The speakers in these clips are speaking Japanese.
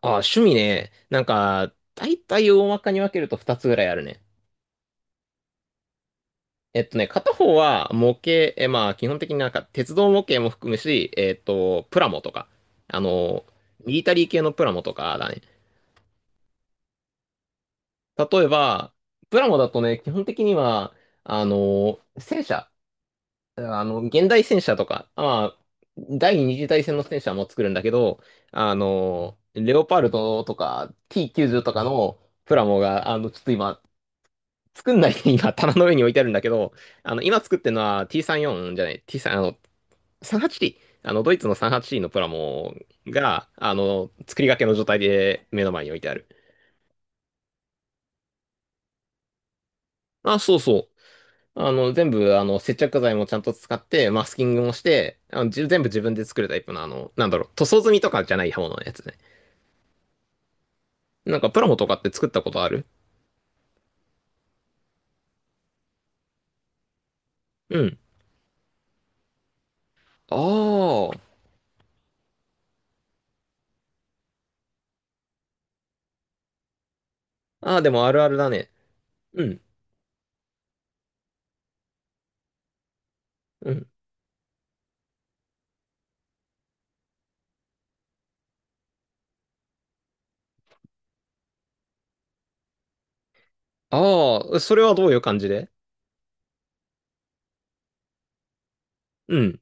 あ、趣味ね。なんか、大体大まかに分けると2つぐらいあるね。片方は模型。まあ基本的になんか鉄道模型も含むし、プラモとか、あの、ミリタリー系のプラモとかだね。例えば、プラモだとね、基本的には、戦車、現代戦車とか、まあ、第二次大戦の戦車も作るんだけど、レオパルトとか T90 とかのプラモが、ちょっと今、作んないで今、棚の上に置いてあるんだけど、今作ってるのは T34 じゅうよんじゃない、T3、38T、ドイツの 38T のプラモが、作りかけの状態で目の前に置いてある。あ、そうそう。全部、接着剤もちゃんと使って、マスキングもして、全部自分で作るタイプの、なんだろう、塗装済みとかじゃない刃物のやつね。なんか、プラモとかって作ったことある？うん。ああ。ああ、でもあるあるだね。うん。うん。ああ、それはどういう感じで？うん。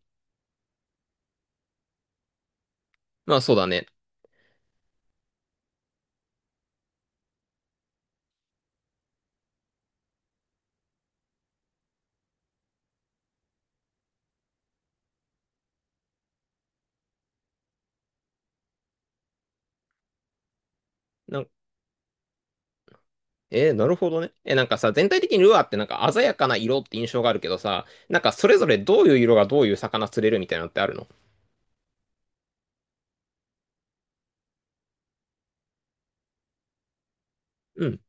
まあ、そうだね。なるほどね。なんかさ、全体的にルアーってなんか鮮やかな色って印象があるけどさ、なんかそれぞれどういう色がどういう魚釣れるみたいなのってあるの？うん。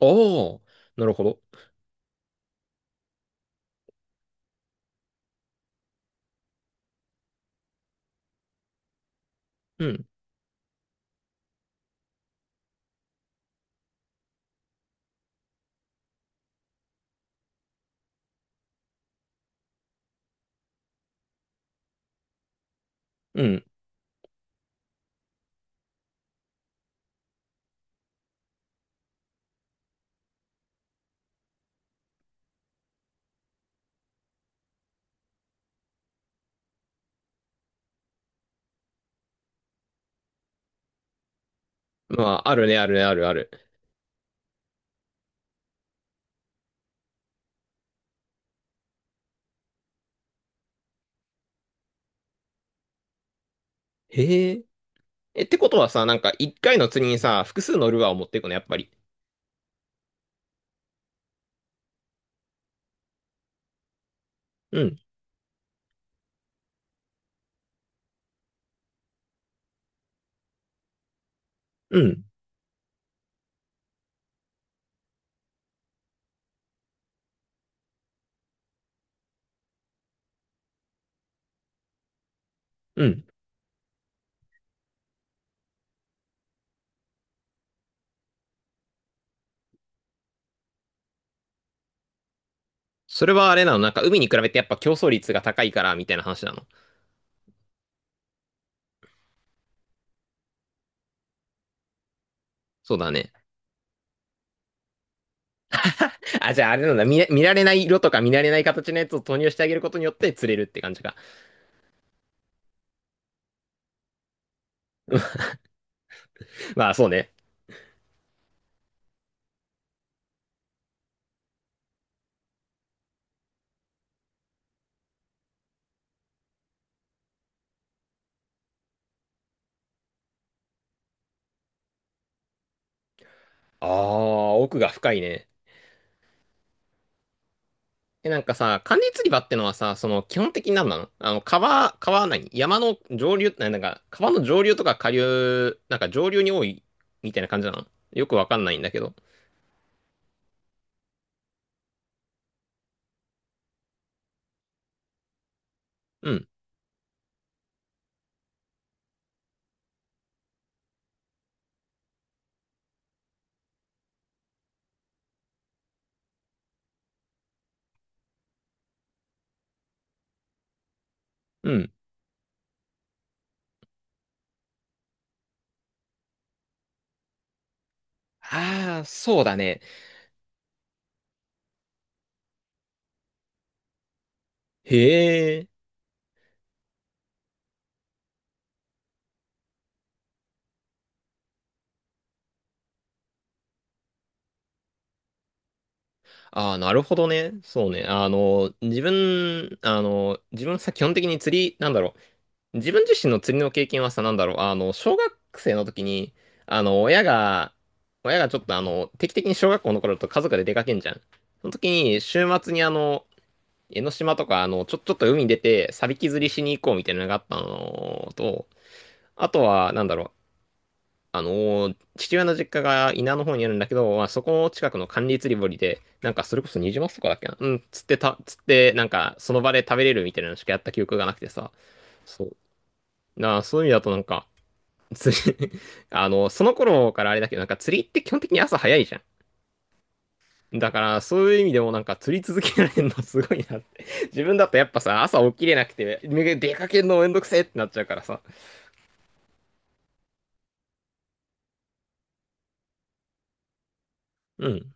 おー、なるほど。うん。うん。まあ、あるね、あるね、あるある。へえ。ってことはさ、なんか一回の釣りにさ、複数のルアーを持っていくの、やっぱり。うん。うん。うん。それはあれなの、なんか海に比べてやっぱ競争率が高いから、みたいな話なの？そうだね。あ、じゃああれなんだ、見られない色とか見られない形のやつを投入してあげることによって釣れるって感じか。まあそうね。ああ、奥が深いね。なんかさ、管理釣り場ってのはさ、その基本的に何なの、川は何山の上流、なんか、川の上流とか下流、なんか上流に多いみたいな感じなのよくわかんないんだけど。うん、うん。ああ、そうだね。へえ。ああ、なるほどね。そうね。自分さ、基本的に釣り、なんだろう。自分自身の釣りの経験はさ、なんだろう、小学生の時に、あの、親が、親がちょっと定期的に小学校の頃だと家族で出かけんじゃん。その時に、週末に江ノ島とか、ちょっと海に出て、サビキ釣りしに行こうみたいなのがあったのと、あとは、なんだろう、父親の実家が稲の方にあるんだけど、まあ、そこの近くの管理釣り堀で、なんかそれこそニジマスとかだっけな、うん、釣って、なんかその場で食べれるみたいなのしかやった記憶がなくてさ、そう。なあ、そういう意味だとなんか、釣り その頃からあれだけど、なんか釣りって基本的に朝早いじゃん。だから、そういう意味でもなんか釣り続けられるのすごいなって。自分だとやっぱさ、朝起きれなくて、出かけるのめんどくせえってなっちゃうからさ。うん。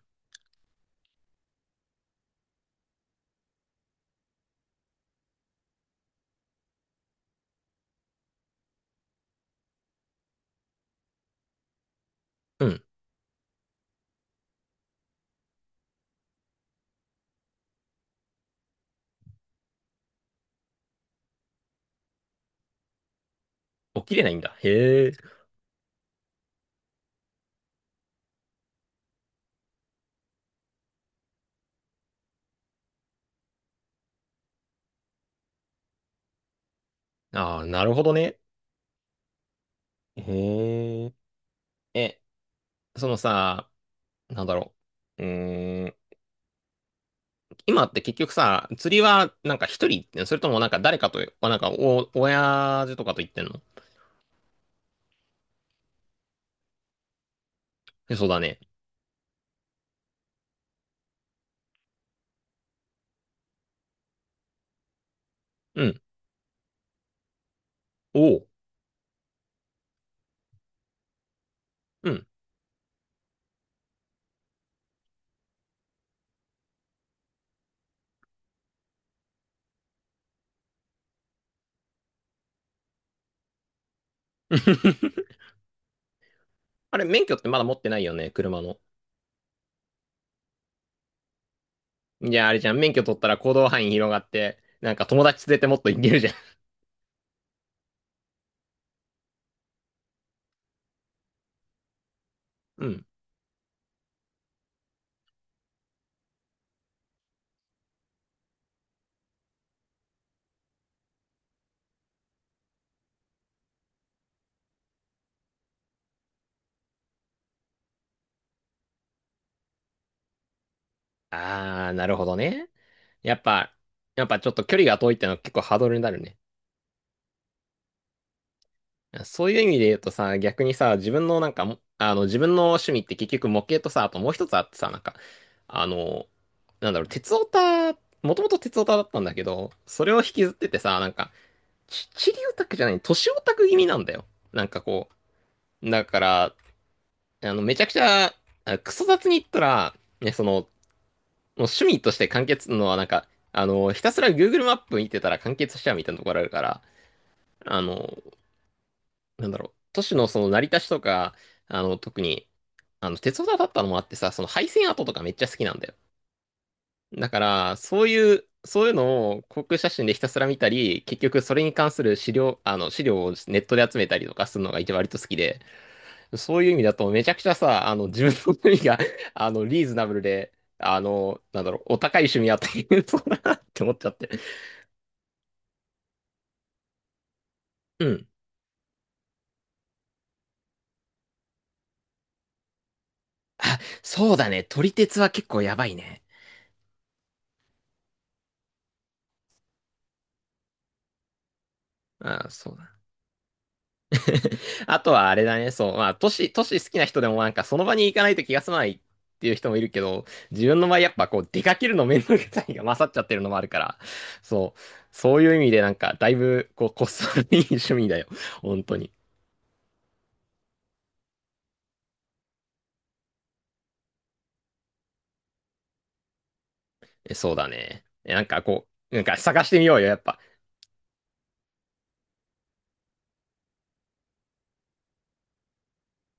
うん。起きれないんだ。へえ。ああ、なるほどね。へえ。え、そのさ、なんだろう。うーん。今って結局さ、釣りはなんか一人行ってんの、それともなんか誰かと、あなんかお、親父とかと行ってんの？そうだね。うん。おお。うん。あれ、免許ってまだ持ってないよね、車の。じゃあ、あれじゃん、免許取ったら行動範囲広がって、なんか友達連れてもっと行けるじゃん。うん。あー、なるほどね。やっぱ、やっぱちょっと距離が遠いってのは結構ハードルになるね。そういう意味で言うとさ、逆にさ、自分のなんかも、自分の趣味って結局模型とさ、あともう一つあってさ、なんか、あの、なんだろう、鉄オタ、もともと鉄オタだったんだけど、それを引きずっててさ、なんか、チリオタクじゃない、都市オタク気味なんだよ。なんかこう、だから、めちゃくちゃ、クソ雑に言ったら、ね、その、もう趣味として完結のは、なんか、ひたすら Google マップ見てたら完結しちゃうみたいなところあるから、あの、なんだろう、都市のその成り立ちとか、特に、鉄オタだったのもあってさ、その廃線跡とかめっちゃ好きなんだよ。だから、そういうのを航空写真でひたすら見たり、結局それに関する資料をネットで集めたりとかするのが一番割と好きで、そういう意味だと、めちゃくちゃさ、自分の趣味が リーズナブルで、なんだろう、お高い趣味やっていうそうだなって思っちゃって。うん。そうだね。撮り鉄は結構やばいね。ああ、そうだ。あとはあれだね。そう、まあ、都市好きな人でもなんか、その場に行かないと気が済まないっていう人もいるけど、自分の場合やっぱこう、出かけるの面倒くさいが勝っちゃってるのもあるから、そう、そういう意味でなんか、だいぶ、こう、こっそりいい趣味だよ。本当に。そうだね。なんかこう、なんか探してみようよ、やっぱ。